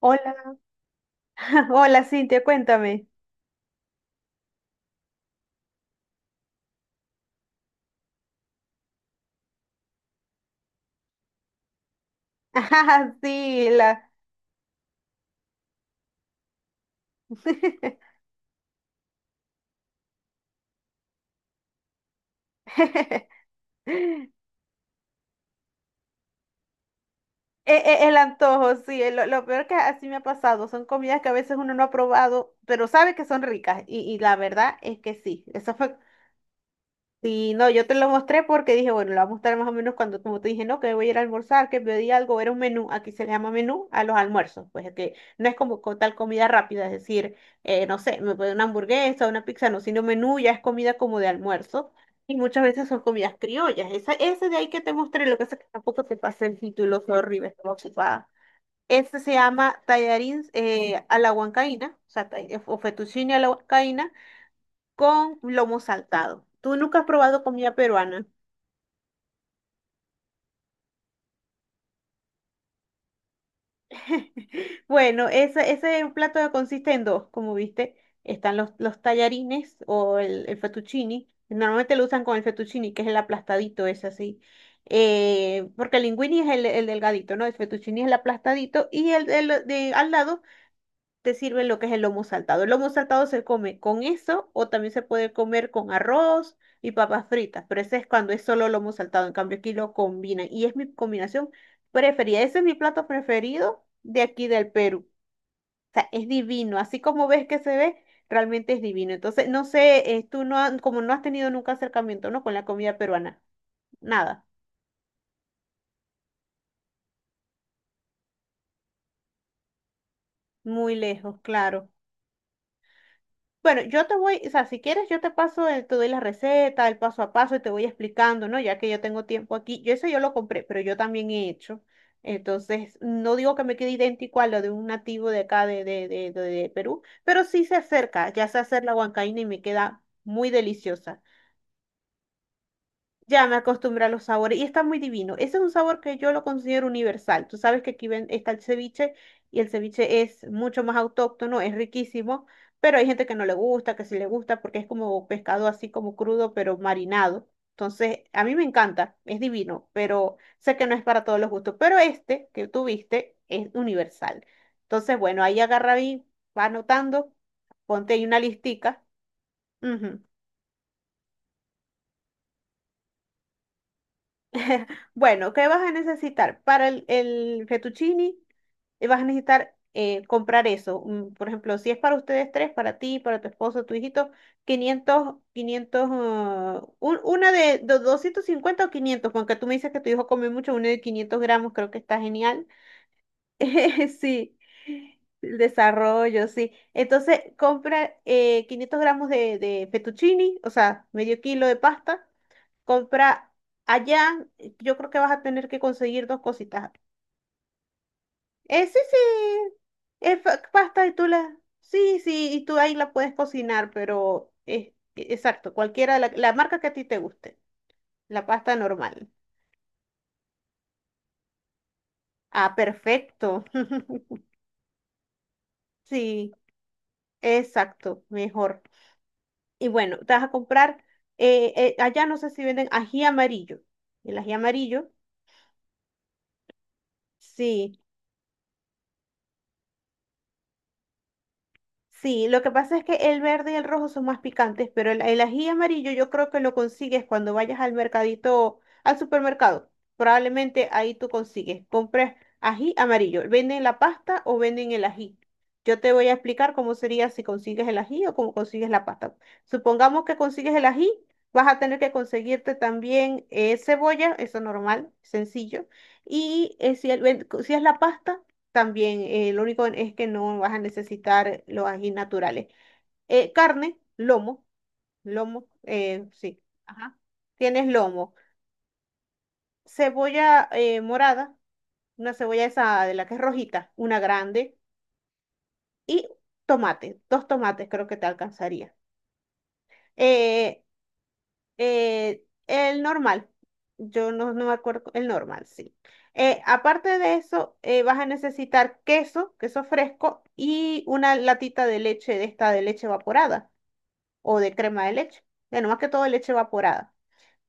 Hola, hola Cintia, cuéntame. Ajá, sí, la... El antojo, sí, lo peor que así me ha pasado, son comidas que a veces uno no ha probado, pero sabe que son ricas y la verdad es que sí, eso fue. Sí, no, yo te lo mostré porque dije, bueno, lo voy a mostrar más o menos cuando, como te dije, no, que me voy a ir a almorzar, que pedí algo, era un menú, aquí se le llama menú a los almuerzos, pues es que no es como tal comida rápida, es decir, no sé, me puede una hamburguesa, una pizza, no, sino menú ya es comida como de almuerzo, y muchas veces son comidas criollas, esa, ese de ahí que te mostré, lo que pasa es que tampoco te pasé el título, sorry, me estaba ocupada. Este se llama tallarines a la huancaína, o sea, o fettuccine a la huancaína con lomo saltado. Tú nunca has probado comida peruana. Bueno, ese plato consiste en dos, como viste. Están los tallarines o el fettuccini. Normalmente lo usan con el fettuccini, que es el aplastadito, es así. Porque el linguini es el delgadito, ¿no? El fettuccini es el aplastadito y el de, al lado te sirve lo que es el lomo saltado. El lomo saltado se come con eso o también se puede comer con arroz y papas fritas, pero ese es cuando es solo lomo saltado. En cambio, aquí lo combinan y es mi combinación preferida. Ese es mi plato preferido de aquí del Perú. O sea, es divino. Así como ves que se ve, realmente es divino. Entonces, no sé, tú no, como no has tenido nunca acercamiento, ¿no? Con la comida peruana. Nada. Muy lejos, claro. Bueno, yo te voy, o sea, si quieres, yo te paso, te doy la receta, el paso a paso y te voy explicando, ¿no? Ya que yo tengo tiempo aquí. Yo eso yo lo compré, pero yo también he hecho. Entonces, no digo que me quede idéntico a lo de un nativo de acá de Perú, pero sí se acerca, ya sé hacer la huancaína y me queda muy deliciosa. Ya me acostumbré a los sabores y está muy divino. Ese es un sabor que yo lo considero universal. Tú sabes que aquí ven, está el ceviche y el ceviche es mucho más autóctono, es riquísimo, pero hay gente que no le gusta, que sí le gusta porque es como pescado así como crudo, pero marinado. Entonces, a mí me encanta, es divino, pero sé que no es para todos los gustos. Pero este que tuviste es universal. Entonces, bueno, ahí agarra y va anotando, ponte ahí una listica. Ujú. Bueno, ¿qué vas a necesitar? Para el fettuccine vas a necesitar comprar eso. Por ejemplo, si es para ustedes tres, para ti, para tu esposo, tu hijito, quinientos 500 ah, una de 250 o 500 aunque tú me dices que tu hijo come mucho, una de 500 gramos creo que está genial. Sí, el desarrollo, sí. Entonces, compra 500 gramos de fettuccini, o sea, medio kilo de pasta. Compra allá, yo creo que vas a tener que conseguir dos cositas. Sí, sí, es pasta y tú la... Sí, sí, y tú ahí la puedes cocinar, pero es exacto, cualquiera, la marca que a ti te guste, la pasta normal. Ah, perfecto. Sí, exacto, mejor. Y bueno, te vas a comprar, allá no sé si venden ají amarillo. El ají amarillo, sí. Sí, lo que pasa es que el verde y el rojo son más picantes, pero el ají amarillo yo creo que lo consigues cuando vayas al mercadito, al supermercado. Probablemente ahí tú consigues. Compras ají amarillo. ¿Venden la pasta o venden el ají? Yo te voy a explicar cómo sería si consigues el ají o cómo consigues la pasta. Supongamos que consigues el ají, vas a tener que conseguirte también cebolla, eso normal, sencillo. Y si, si es la pasta también lo único es que no vas a necesitar los ají naturales. Carne, lomo, sí. Ajá. Tienes lomo. Cebolla morada, una cebolla esa de la que es rojita, una grande. Y tomate, dos tomates creo que te alcanzaría. Eh, el normal. Yo no, no me acuerdo. El normal, sí. Aparte de eso, vas a necesitar queso, queso fresco y una latita de leche, de esta de leche evaporada o de crema de leche. Bueno, más que todo leche evaporada.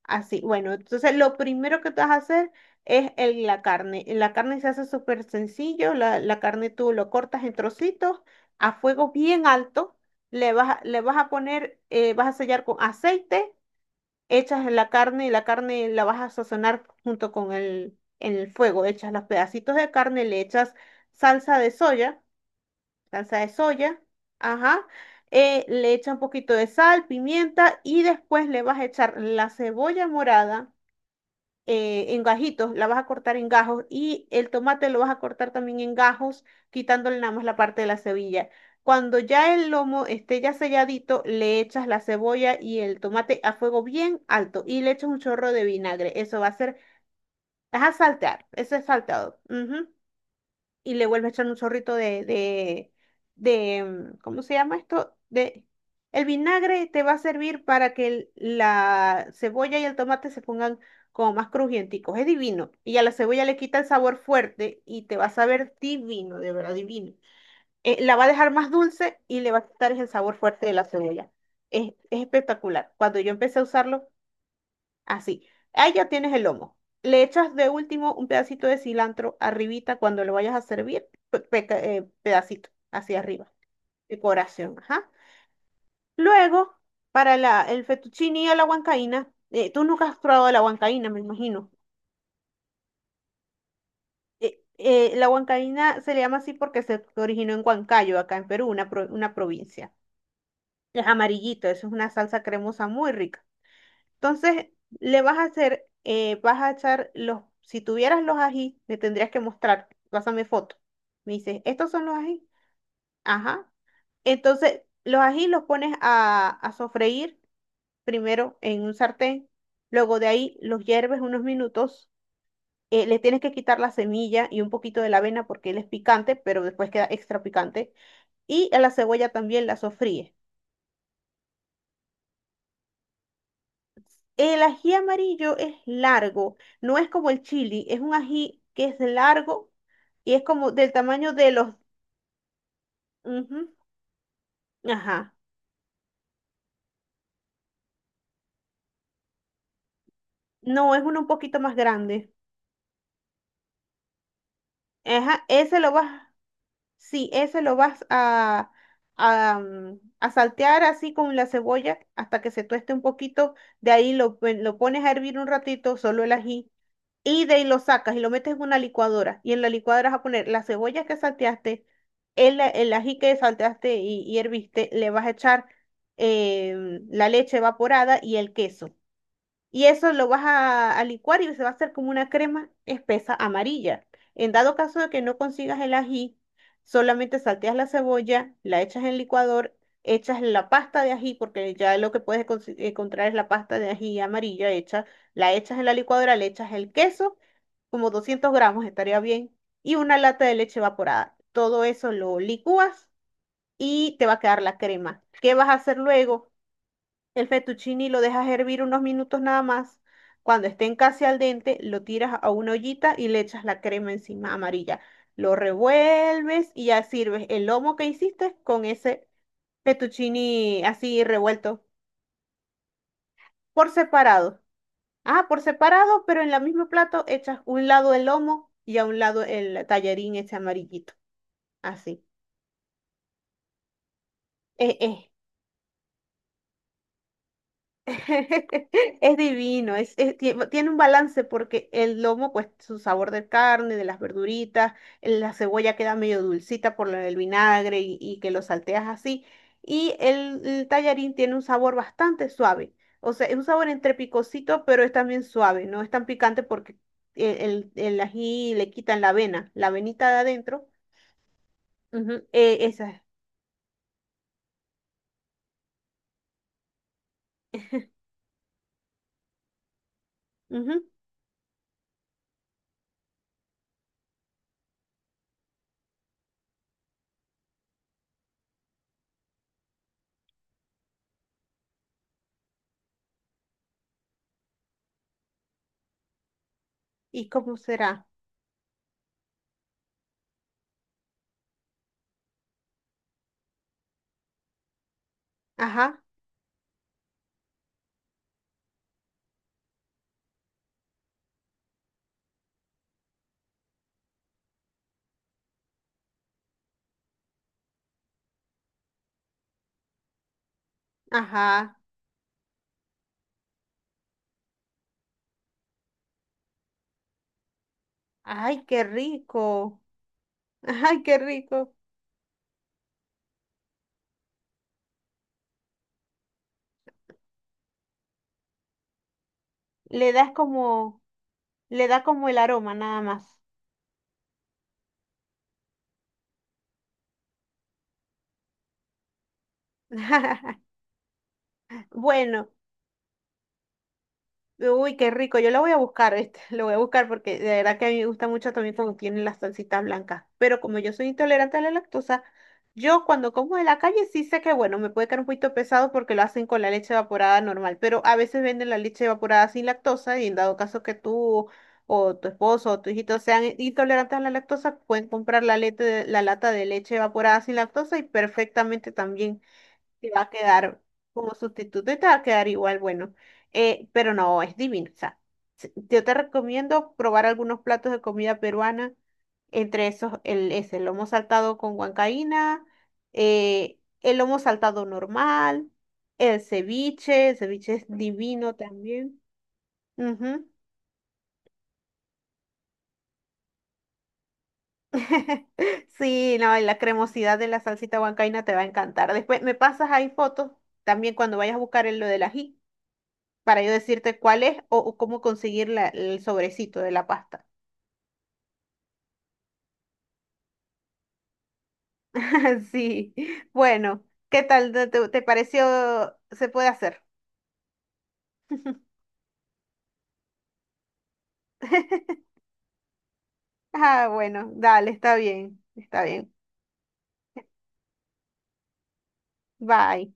Así, bueno, entonces lo primero que te vas a hacer es la carne. La carne se hace súper sencillo. La carne tú lo cortas en trocitos a fuego bien alto. Le vas, le vas a poner, vas a sellar con aceite, echas la carne y la carne la vas a sazonar junto con el, en el fuego. Echas los pedacitos de carne, le echas salsa de soya, salsa de soya, ajá. Le echas un poquito de sal, pimienta y después le vas a echar la cebolla morada en gajitos, la vas a cortar en gajos y el tomate lo vas a cortar también en gajos, quitándole nada más la parte de la cebilla. Cuando ya el lomo esté ya selladito, le echas la cebolla y el tomate a fuego bien alto y le echas un chorro de vinagre. Eso va a ser, vas a saltear, ese es salteado. Ujú, y le vuelve a echar un chorrito ¿cómo se llama esto? De, el vinagre te va a servir para que la cebolla y el tomate se pongan como más crujienticos. Es divino. Y a la cebolla le quita el sabor fuerte y te va a saber divino, de verdad divino. La va a dejar más dulce y le va a quitar el sabor fuerte de la cebolla. Es espectacular. Cuando yo empecé a usarlo, así. Ahí ya tienes el lomo. Le echas de último un pedacito de cilantro arribita cuando lo vayas a servir, pedacito hacia arriba. Decoración, ajá. Luego, para la, el fettuccine o la huancaína, tú nunca has probado la huancaína, me imagino. La huancaína se le llama así porque se originó en Huancayo, acá en Perú, una, una provincia. Es amarillito, eso es una salsa cremosa muy rica. Entonces, le vas a hacer, vas a echar los, si tuvieras los ají, me tendrías que mostrar, pásame foto. Me dices, ¿estos son los ají? Ajá. Entonces, los ají los pones a sofreír primero en un sartén, luego de ahí los hierves unos minutos, le tienes que quitar la semilla y un poquito de la avena porque él es picante, pero después queda extra picante, y a la cebolla también la sofríes. El ají amarillo es largo, no es como el chili, es un ají que es largo y es como del tamaño de los... Ujú. Ajá. No, es uno un poquito más grande. Ajá, ese lo vas... Sí, ese lo vas a, a saltear así con la cebolla hasta que se tueste un poquito. De ahí lo, lo pones a hervir un ratito, solo el ají. Y de ahí lo sacas y lo metes en una licuadora. Y en la licuadora vas a poner la cebolla que salteaste, el, el ají que salteaste y herviste. Le vas a echar la leche evaporada y el queso. Y eso lo vas a licuar y se va a hacer como una crema espesa amarilla. En dado caso de que no consigas el ají, solamente salteas la cebolla, la echas en el licuador, echas la pasta de ají, porque ya lo que puedes encontrar es la pasta de ají amarilla hecha, la echas en la licuadora, le echas el queso, como 200 gramos estaría bien, y una lata de leche evaporada. Todo eso lo licúas y te va a quedar la crema. ¿Qué vas a hacer luego? El fettuccine lo dejas hervir unos minutos nada más. Cuando estén casi al dente, lo tiras a una ollita y le echas la crema encima amarilla. Lo revuelves y ya sirves el lomo que hiciste con ese fettuccine así revuelto por separado. Ah, por separado, pero en la mismo plato echas un lado el lomo y a un lado el tallarín ese amarillito. Así. Es es divino, tiene un balance porque el lomo, pues su sabor de carne, de las verduritas, la cebolla queda medio dulcita por lo del vinagre y que lo salteas así. Y el tallarín tiene un sabor bastante suave. O sea, es un sabor entre picosito, pero es también suave, no es tan picante porque el ají le quitan la avena, la avenita de adentro. Ujú, esa es. Ujú, ¿y cómo será? Ajá, ajá. Ay, qué rico. Ay, qué rico. Le das como, le da como el aroma nada más. Bueno. Uy, qué rico. Yo lo voy a buscar, ¿viste? Lo voy a buscar porque de verdad que a mí me gusta mucho también cuando tienen las salsitas blancas. Pero como yo soy intolerante a la lactosa, yo cuando como de la calle sí sé que, bueno, me puede quedar un poquito pesado porque lo hacen con la leche evaporada normal. Pero a veces venden la leche evaporada sin lactosa y en dado caso que tú o tu esposo o tu hijito sean intolerantes a la lactosa, pueden comprar la, la lata de leche evaporada sin lactosa y perfectamente también te va a quedar como sustituto y te va a quedar igual, bueno, pero no, es divino. O sea, yo te recomiendo probar algunos platos de comida peruana, entre esos el, ese, el lomo saltado con huancaína, el lomo saltado normal, el ceviche es divino también. Ujú. Sí, no, y la cremosidad de la salsita huancaína te va a encantar. Después me pasas ahí fotos también cuando vayas a buscar el, lo del ají, para yo decirte cuál es o cómo conseguir el sobrecito de la pasta. Sí, bueno, ¿qué tal te pareció? ¿Se puede hacer? Ah, bueno, dale, está bien, está bien. Bye.